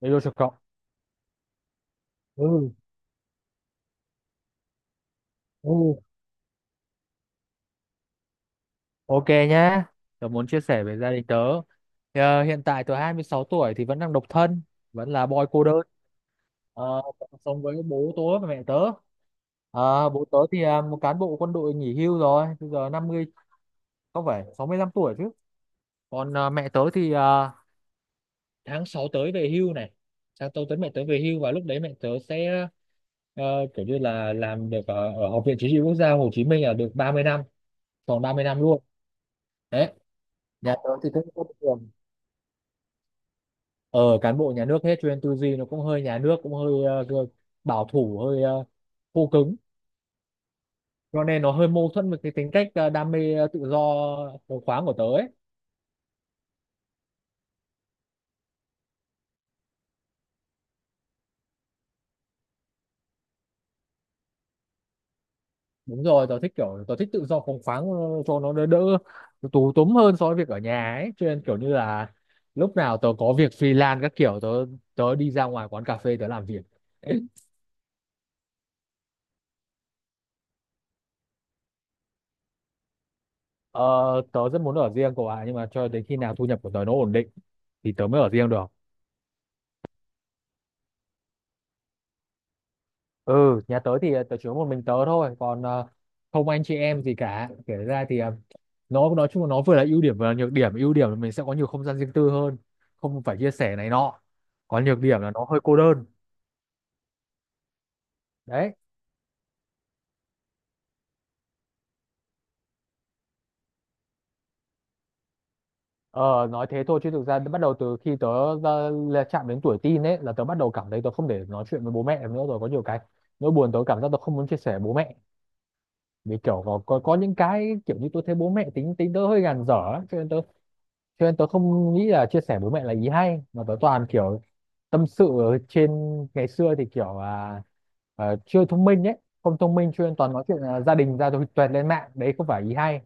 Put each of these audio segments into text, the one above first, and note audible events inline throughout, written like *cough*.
Hello, chào cậu. Ừ, ừ. Ok nhá. Tớ muốn chia sẻ về gia đình tớ. Hiện tại tớ 26 tuổi thì vẫn đang độc thân, vẫn là boy cô đơn. Tớ sống với bố tớ và mẹ tớ. Bố tớ thì một cán bộ quân đội nghỉ hưu rồi, bây giờ 50, không phải 65 tuổi chứ. Còn mẹ tớ thì tháng 6 tới về hưu này. Tháng 6 tới mẹ tớ về hưu và lúc đấy mẹ tớ sẽ ờ, kiểu như là làm được ở Học viện Chính trị Quốc gia Hồ Chí Minh là được 30 năm, tròn 30 năm luôn. Đấy. Nhà tớ thì thích bất thường, ờ cán bộ nhà nước hết, cho nên tư duy nó cũng hơi nhà nước, cũng hơi bảo thủ, hơi khô cứng, cho nên nó hơi mâu thuẫn với cái tính cách đam mê, tự do phóng khoáng của tớ ấy. Đúng rồi, tớ thích kiểu, tớ thích tự do phóng khoáng, cho nó đỡ đỡ tù túm hơn so với việc ở nhà ấy, cho nên kiểu như là lúc nào tớ có việc freelance các kiểu, tớ tớ đi ra ngoài quán cà phê tớ làm việc. *laughs* ờ, tớ rất muốn ở riêng cậu ạ nhưng mà cho đến khi nào thu nhập của tớ nó ổn định thì tớ mới ở riêng được ừ, nhà tớ thì tớ chỉ có một mình tớ thôi, còn không anh chị em gì cả. Kể ra thì nó nói chung là nó vừa là ưu điểm vừa là nhược điểm. Ưu điểm là mình sẽ có nhiều không gian riêng tư hơn, không phải chia sẻ này nọ. Còn nhược điểm là nó hơi cô đơn. Đấy. Ờ nói thế thôi, chứ thực ra bắt đầu từ khi tớ là chạm đến tuổi teen ấy là tớ bắt đầu cảm thấy tớ không thể nói chuyện với bố mẹ được nữa rồi. Có nhiều cái nỗi buồn tớ cảm giác tớ không muốn chia sẻ với bố mẹ, vì kiểu có những cái kiểu như tôi thấy bố mẹ tính tính tớ hơi gàn dở ấy, cho nên tớ không nghĩ là chia sẻ bố mẹ là ý hay, mà tớ toàn kiểu tâm sự ở trên. Ngày xưa thì kiểu là chưa thông minh ấy, không thông minh, cho nên toàn nói chuyện là gia đình ra rồi tuẹt lên mạng, đấy không phải ý hay.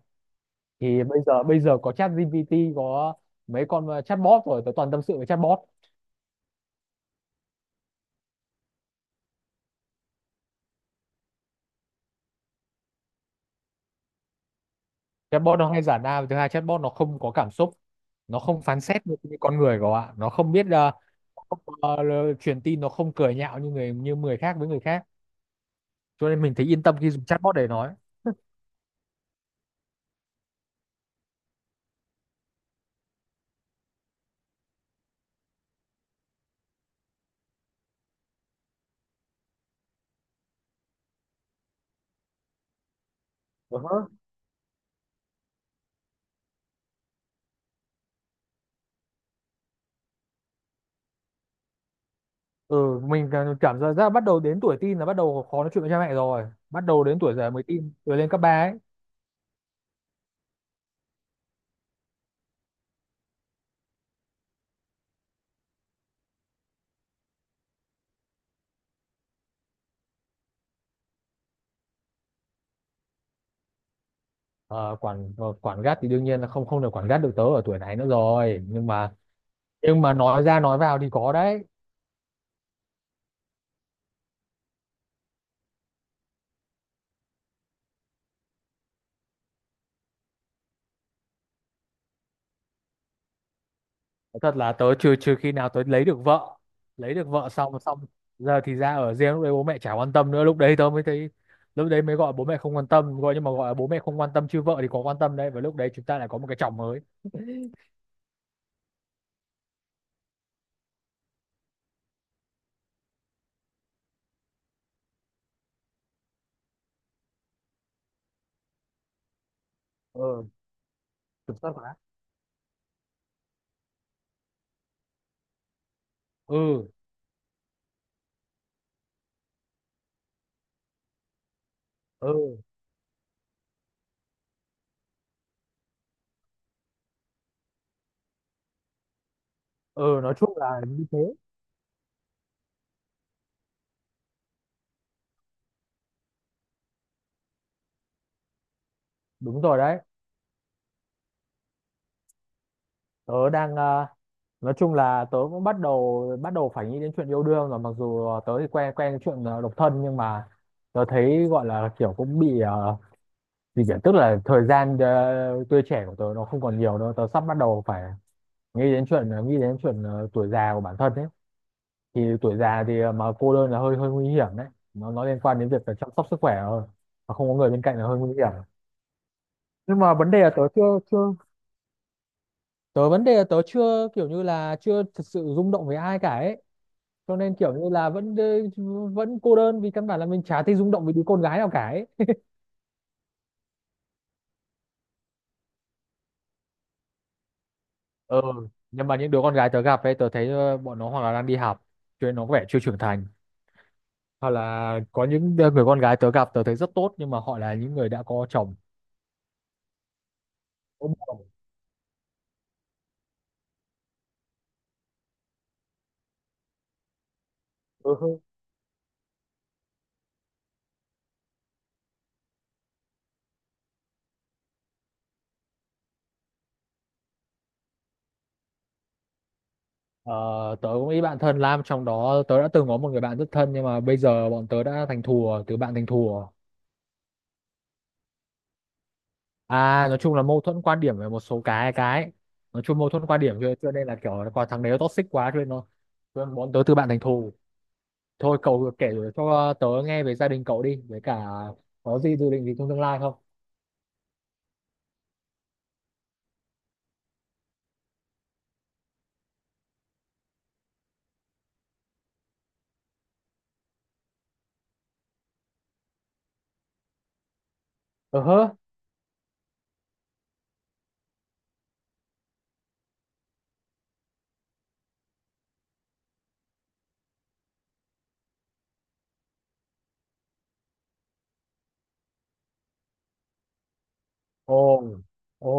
Thì bây giờ có chat GPT, có mấy con chatbot, rồi tớ toàn tâm sự với chatbot. Chatbot nó hay giả đa, và thứ hai, chatbot nó không có cảm xúc, nó không phán xét như như con người của ạ, nó không biết truyền tin, nó không cười nhạo như người khác với người khác, cho nên mình thấy yên tâm khi dùng chatbot để nói. Ừ. Ừ, mình cảm cảm giác ra bắt đầu đến tuổi teen là bắt đầu khó nói chuyện với cha mẹ rồi, bắt đầu đến tuổi dậy, mới teen rồi lên cấp ba ấy. Ờ, Quản, quản gắt thì đương nhiên là không không được quản gắt được tớ ở tuổi này nữa rồi, nhưng mà nói ra nói vào thì có đấy. Nói thật là tớ, trừ trừ khi nào tớ lấy được vợ xong xong giờ thì ra ở riêng, lúc đấy bố mẹ chả quan tâm nữa, lúc đấy tớ mới thấy, lúc đấy mới gọi bố mẹ không quan tâm, gọi nhưng mà gọi là bố mẹ không quan tâm, chứ vợ thì có quan tâm đấy, và lúc đấy chúng ta lại có một cái chồng mới. Ừ, kiểm soát quá. Ừ. Ừ. Ừ, nói chung là như thế. Đúng rồi đấy. Tớ đang nói chung là tớ cũng bắt đầu phải nghĩ đến chuyện yêu đương rồi, mặc dù tớ thì quen quen cái chuyện độc thân, nhưng mà tớ thấy gọi là kiểu cũng bị gì nhỉ? Tức là thời gian, tuổi trẻ của tớ nó không còn nhiều nữa, tớ sắp bắt đầu phải nghĩ đến chuyện tuổi già của bản thân ấy. Thì tuổi già thì mà cô đơn là hơi hơi nguy hiểm đấy, nó liên quan đến việc là chăm sóc sức khỏe rồi, mà không có người bên cạnh là hơi nguy hiểm. Nhưng mà vấn đề là tớ chưa chưa, tớ vấn đề là tớ chưa kiểu như là chưa thật sự rung động với ai cả ấy, cho nên kiểu như là vẫn, cô đơn, vì căn bản là mình chả thấy rung động với đứa con gái nào cả ấy. Ừ, nhưng mà những đứa con gái tớ gặp ấy, tớ thấy bọn nó hoặc là đang đi học, cho nên nó có vẻ chưa trưởng thành, hoặc là có những người con gái tớ gặp tớ thấy rất tốt, nhưng mà họ là những người đã có chồng, có bồ. Ừ. Ờ, tớ cũng nghĩ bạn thân Lam trong đó, tớ đã từng có một người bạn rất thân nhưng mà bây giờ bọn tớ đã thành thùa, từ bạn thành thùa. À, nói chung là mâu thuẫn quan điểm về một số cái nói chung mâu thuẫn quan điểm, cho nên là kiểu là còn thằng đấy nó toxic quá cho nên nó, cho nên bọn tớ từ bạn thành thù. Thôi, cậu kể cho tớ nghe về gia đình cậu đi, với cả có gì dự định gì trong tương lai không? Ờ hớ. Ồ. Ồ.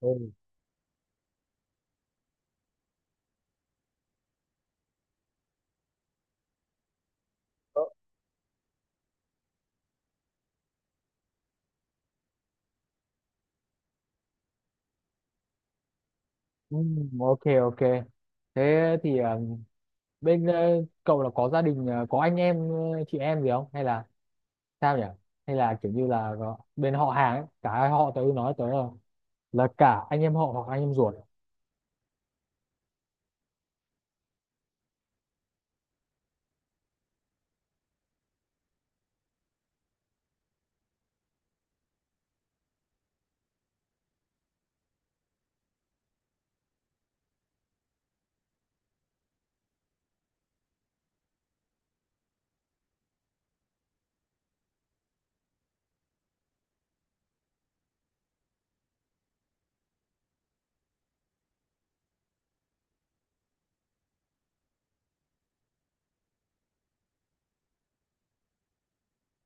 Ồ. Ờ. Ừm, ok, ok. Thế thì bên cậu là có gia đình, có anh em, chị em gì không, hay là sao nhỉ? Hay là kiểu như là bên họ hàng ấy, cả hai họ tớ nói tớ là cả anh em họ hoặc anh em ruột.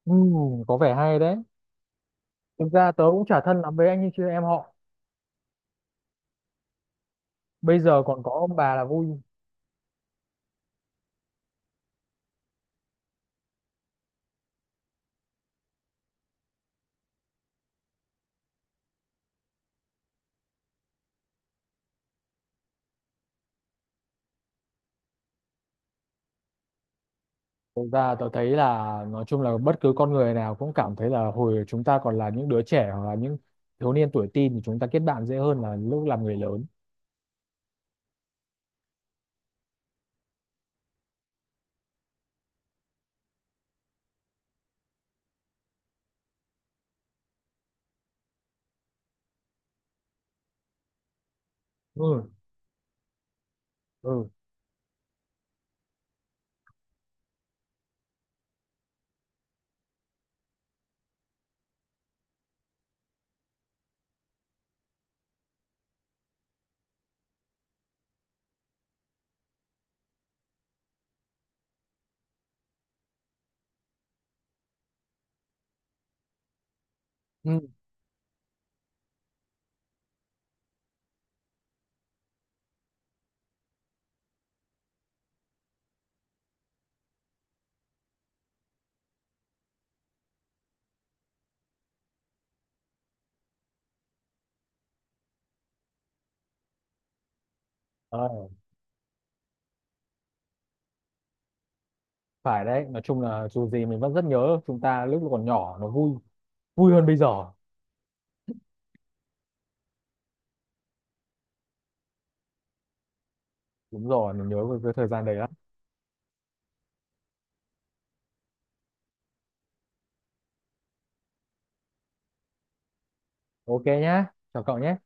Có vẻ hay đấy. Thực ra tớ cũng chả thân lắm với anh như chị em họ. Bây giờ còn có ông bà là vui. Thực ra tớ thấy là nói chung là bất cứ con người nào cũng cảm thấy là hồi chúng ta còn là những đứa trẻ hoặc là những thiếu niên tuổi teen thì chúng ta kết bạn dễ hơn là lúc làm người lớn. Ừ, ừ. Ừ. ờ, Phải đấy. Nói chung là dù gì mình vẫn rất nhớ chúng ta lúc còn nhỏ nó vui, vui hơn bây giờ. Đúng rồi, mình nhớ về cái thời gian đấy lắm. Ok nhá, chào cậu nhé.